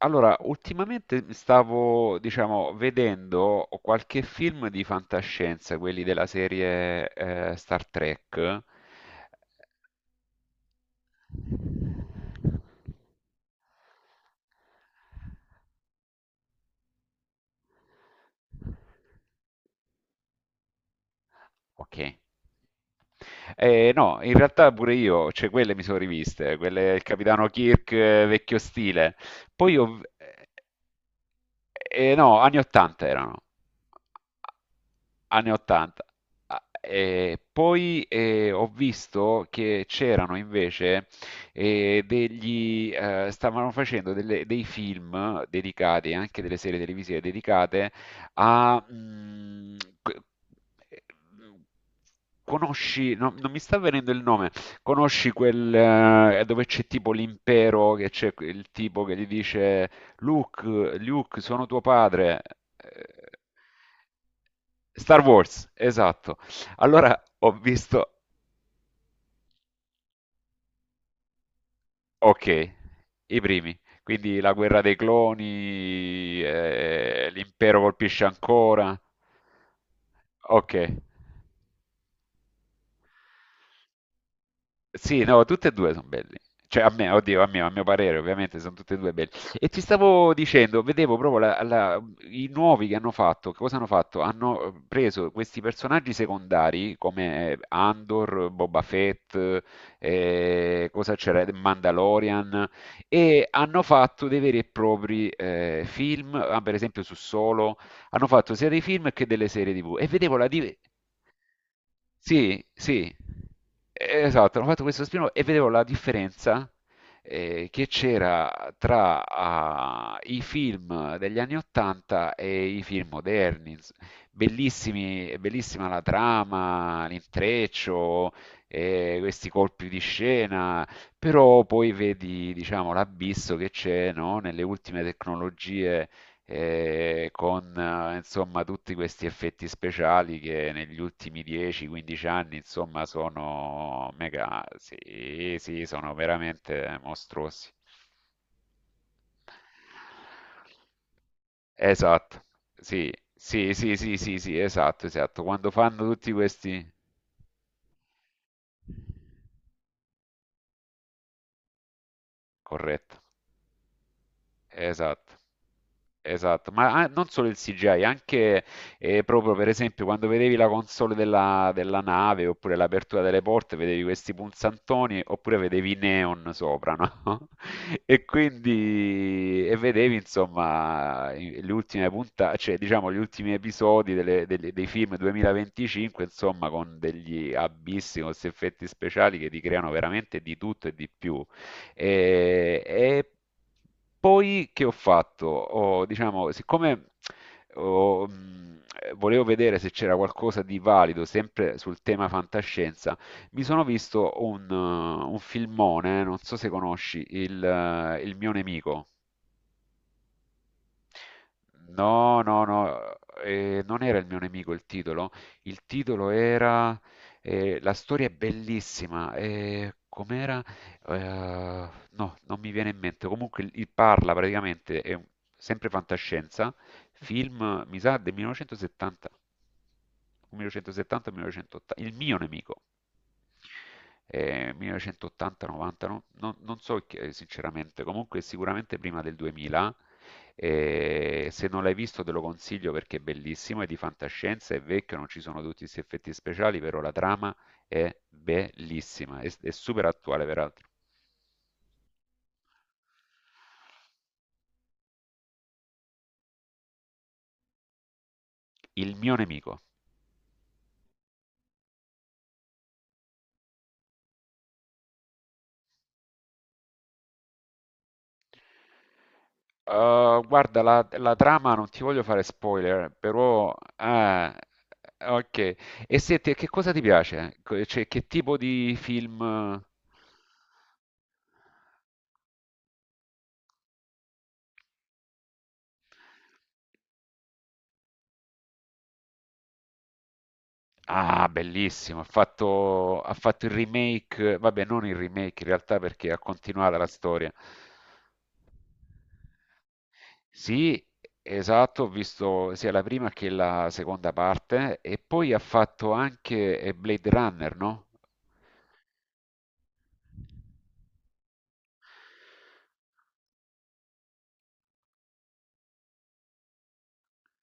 Allora, ultimamente mi stavo, diciamo, vedendo qualche film di fantascienza, quelli della serie Star Trek. Ok. No, in realtà pure io, cioè quelle mi sono riviste, quelle il Capitano Kirk vecchio stile. Poi ho... eh, no, anni 80 erano. Anni 80. Ah, poi ho visto che c'erano invece stavano facendo dei film dedicati, anche delle serie televisive dedicate a... mm, que- Conosci, no, non mi sta venendo il nome, conosci quel dove c'è tipo l'impero, che c'è il tipo che gli dice Luke, Luke, sono tuo padre. Eh, Star Wars, esatto. Allora ho visto, ok, i primi, quindi la guerra dei cloni, l'impero colpisce ancora, ok. Sì, no, tutte e due sono belli. Cioè, a me, oddio, a mio parere, ovviamente, sono tutte e due belli. E ti stavo dicendo, vedevo proprio i nuovi che hanno fatto. Che cosa hanno fatto? Hanno preso questi personaggi secondari come Andor, Boba Fett, cosa c'era? Mandalorian, e hanno fatto dei veri e propri film, ah, per esempio su Solo, hanno fatto sia dei film che delle serie TV. E vedevo la diversità. Sì, sì, esatto, hanno fatto questo spin-off e vedevo la differenza che c'era tra ah, i film degli anni 80 e i film moderni. Bellissimi, bellissima la trama, l'intreccio, questi colpi di scena, però poi vedi, diciamo, l'abisso che c'è, no, nelle ultime tecnologie con insomma tutti questi effetti speciali che negli ultimi 10-15 anni insomma sono mega. Sì, sì, sono veramente mostruosi. Esatto, sì, sì, sì, sì, sì, sì, esatto, esatto. Quando fanno tutti questi... Corretto, esatto. Esatto, ma non solo il CGI, anche proprio per esempio quando vedevi la console della nave oppure l'apertura delle porte, vedevi questi punzantoni oppure vedevi i neon sopra, no? E quindi vedevi, insomma, le ultime puntate, cioè diciamo gli ultimi episodi dei film 2025, insomma con degli abissi, con questi effetti speciali che ti creano veramente di tutto e di più. E poi che ho fatto? Diciamo, siccome volevo vedere se c'era qualcosa di valido sempre sul tema fantascienza, mi sono visto un filmone, non so se conosci, il mio nemico. No, no, no, non era il mio nemico il titolo. Il titolo era... La storia è bellissima. Com'era? No, non mi viene in mente. Comunque il parla praticamente, è sempre fantascienza, film, mi sa, del 1970. 1970-1980. Il mio nemico 1980-90, non so sinceramente. Comunque sicuramente prima del 2000. E se non l'hai visto te lo consiglio, perché è bellissimo, è di fantascienza, è vecchio, non ci sono tutti questi effetti speciali, però la trama è bellissima, è super attuale peraltro. Il mio nemico. Guarda, la trama non ti voglio fare spoiler, però... ah, ok. E se che cosa ti piace? Cioè, che tipo di film... Ah, bellissimo, ha fatto il remake, vabbè, non il remake in realtà, perché ha continuato la storia. Sì, esatto, ho visto sia la prima che la seconda parte. E poi ha fatto anche Blade Runner, no?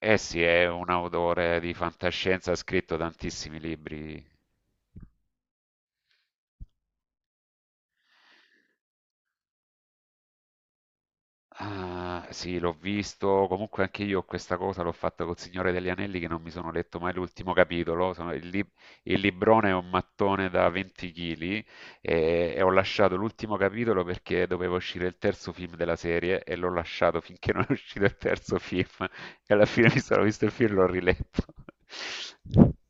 Eh sì, è un autore di fantascienza, ha scritto tantissimi libri. Ah, sì, l'ho visto. Comunque anche io questa cosa l'ho fatta col Signore degli Anelli, che non mi sono letto mai l'ultimo capitolo. Il librone è un mattone da 20 kg, e ho lasciato l'ultimo capitolo perché doveva uscire il terzo film della serie, e l'ho lasciato finché non è uscito il terzo film. E alla fine mi sono visto il film e l'ho riletto.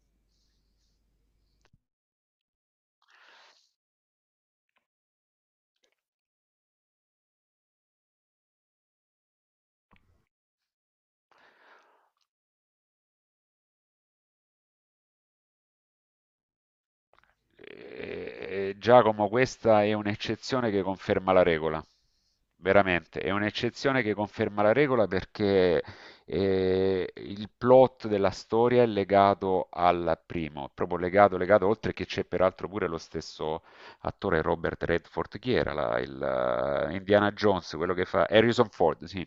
Eh, Giacomo, questa è un'eccezione che conferma la regola. Veramente, è un'eccezione che conferma la regola, perché il plot della storia è legato al primo, proprio legato, legato, oltre che c'è peraltro pure lo stesso attore Robert Redford, chi era Indiana Jones, quello che fa Harrison Ford, sì,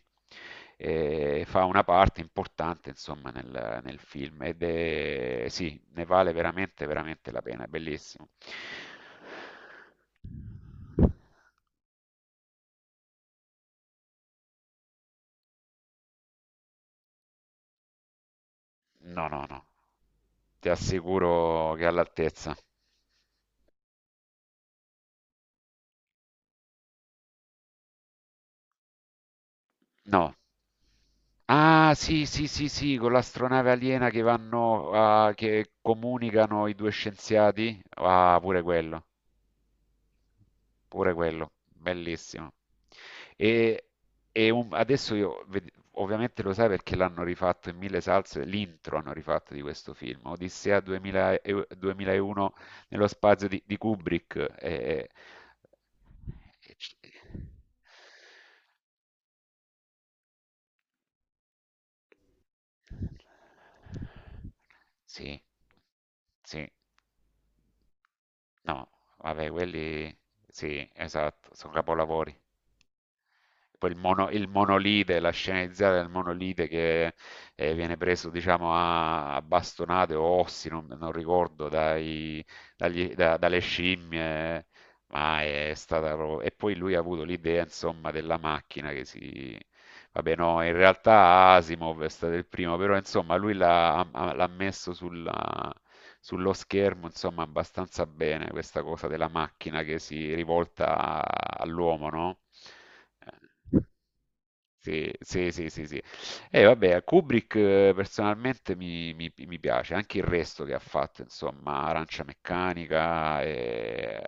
e fa una parte importante, insomma, nel film, ed è sì, ne vale veramente veramente la pena, è bellissimo. No, no, no, ti assicuro che è all'altezza. No. Ah, sì, sì, sì, sì, con l'astronave aliena che vanno, ah, che comunicano i due scienziati. Ah, pure quello. Pure quello, bellissimo. E, e adesso io, ovviamente lo sai, perché l'hanno rifatto in mille salse, l'intro hanno rifatto di questo film, Odissea 2000 2001 nello spazio di Kubrick. E- sì, sì, no, vabbè, quelli, sì, esatto, sono capolavori. Poi il monolite, la sceneggiata del monolite, che viene preso, diciamo, a bastonate o ossi, non ricordo, dalle scimmie, ma è stata proprio... E poi lui ha avuto l'idea, insomma, della macchina che si... Vabbè, no, in realtà Asimov è stato il primo, però, insomma, lui l'ha messo sullo schermo, insomma, abbastanza bene questa cosa della macchina che si rivolta all'uomo, no? Eh, Sì, sì, sì, sì, sì. E vabbè, Kubrick personalmente mi piace, anche il resto che ha fatto, insomma, Arancia Meccanica e...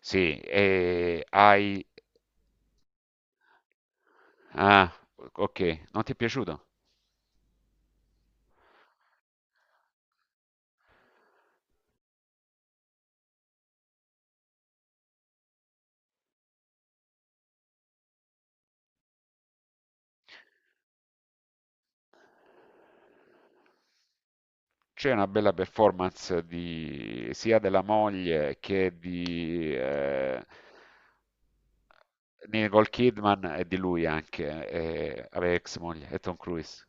Sì. Ah, o okay. Non ti è piaciuto? C'è una bella performance di sia della moglie che di, Nicole Kidman, e di lui anche, vabbè, ex moglie, e Tom Cruise.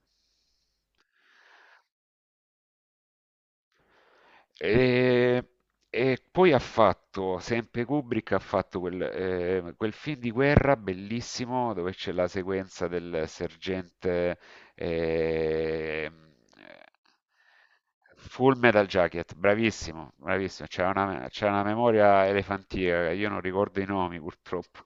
E, e poi ha fatto, sempre Kubrick ha fatto quel film di guerra bellissimo, dove c'è la sequenza del sergente eh, Full Metal Jacket, bravissimo, bravissimo, c'è una memoria elefantica, io non ricordo i nomi purtroppo.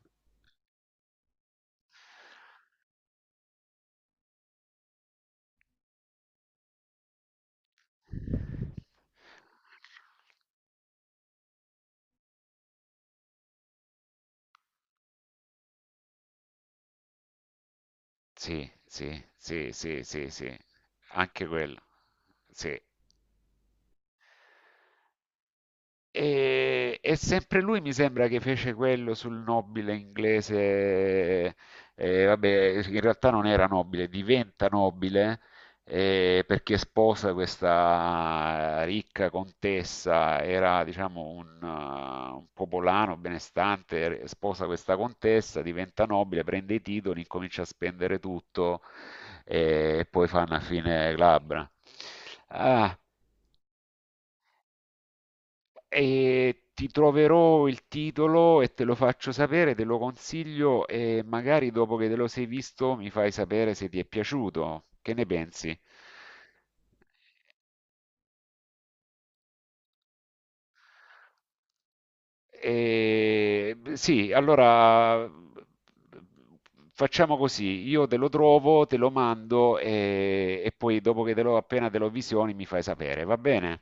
Sì, sì, sì, sì, sì, sì, anche quello, sì. E sempre lui mi sembra che fece quello sul nobile inglese, vabbè, in realtà non era nobile, diventa nobile perché sposa questa ricca contessa, era diciamo un popolano benestante, sposa questa contessa, diventa nobile, prende i titoli, incomincia a spendere tutto e poi fa una fine glabra. Ah. E ti troverò il titolo e te lo faccio sapere, te lo consiglio e magari dopo che te lo sei visto mi fai sapere se ti è piaciuto. Che ne pensi? E, sì, allora facciamo così, io te lo trovo, te lo mando, e poi dopo che te lo appena te lo visioni mi fai sapere, va bene?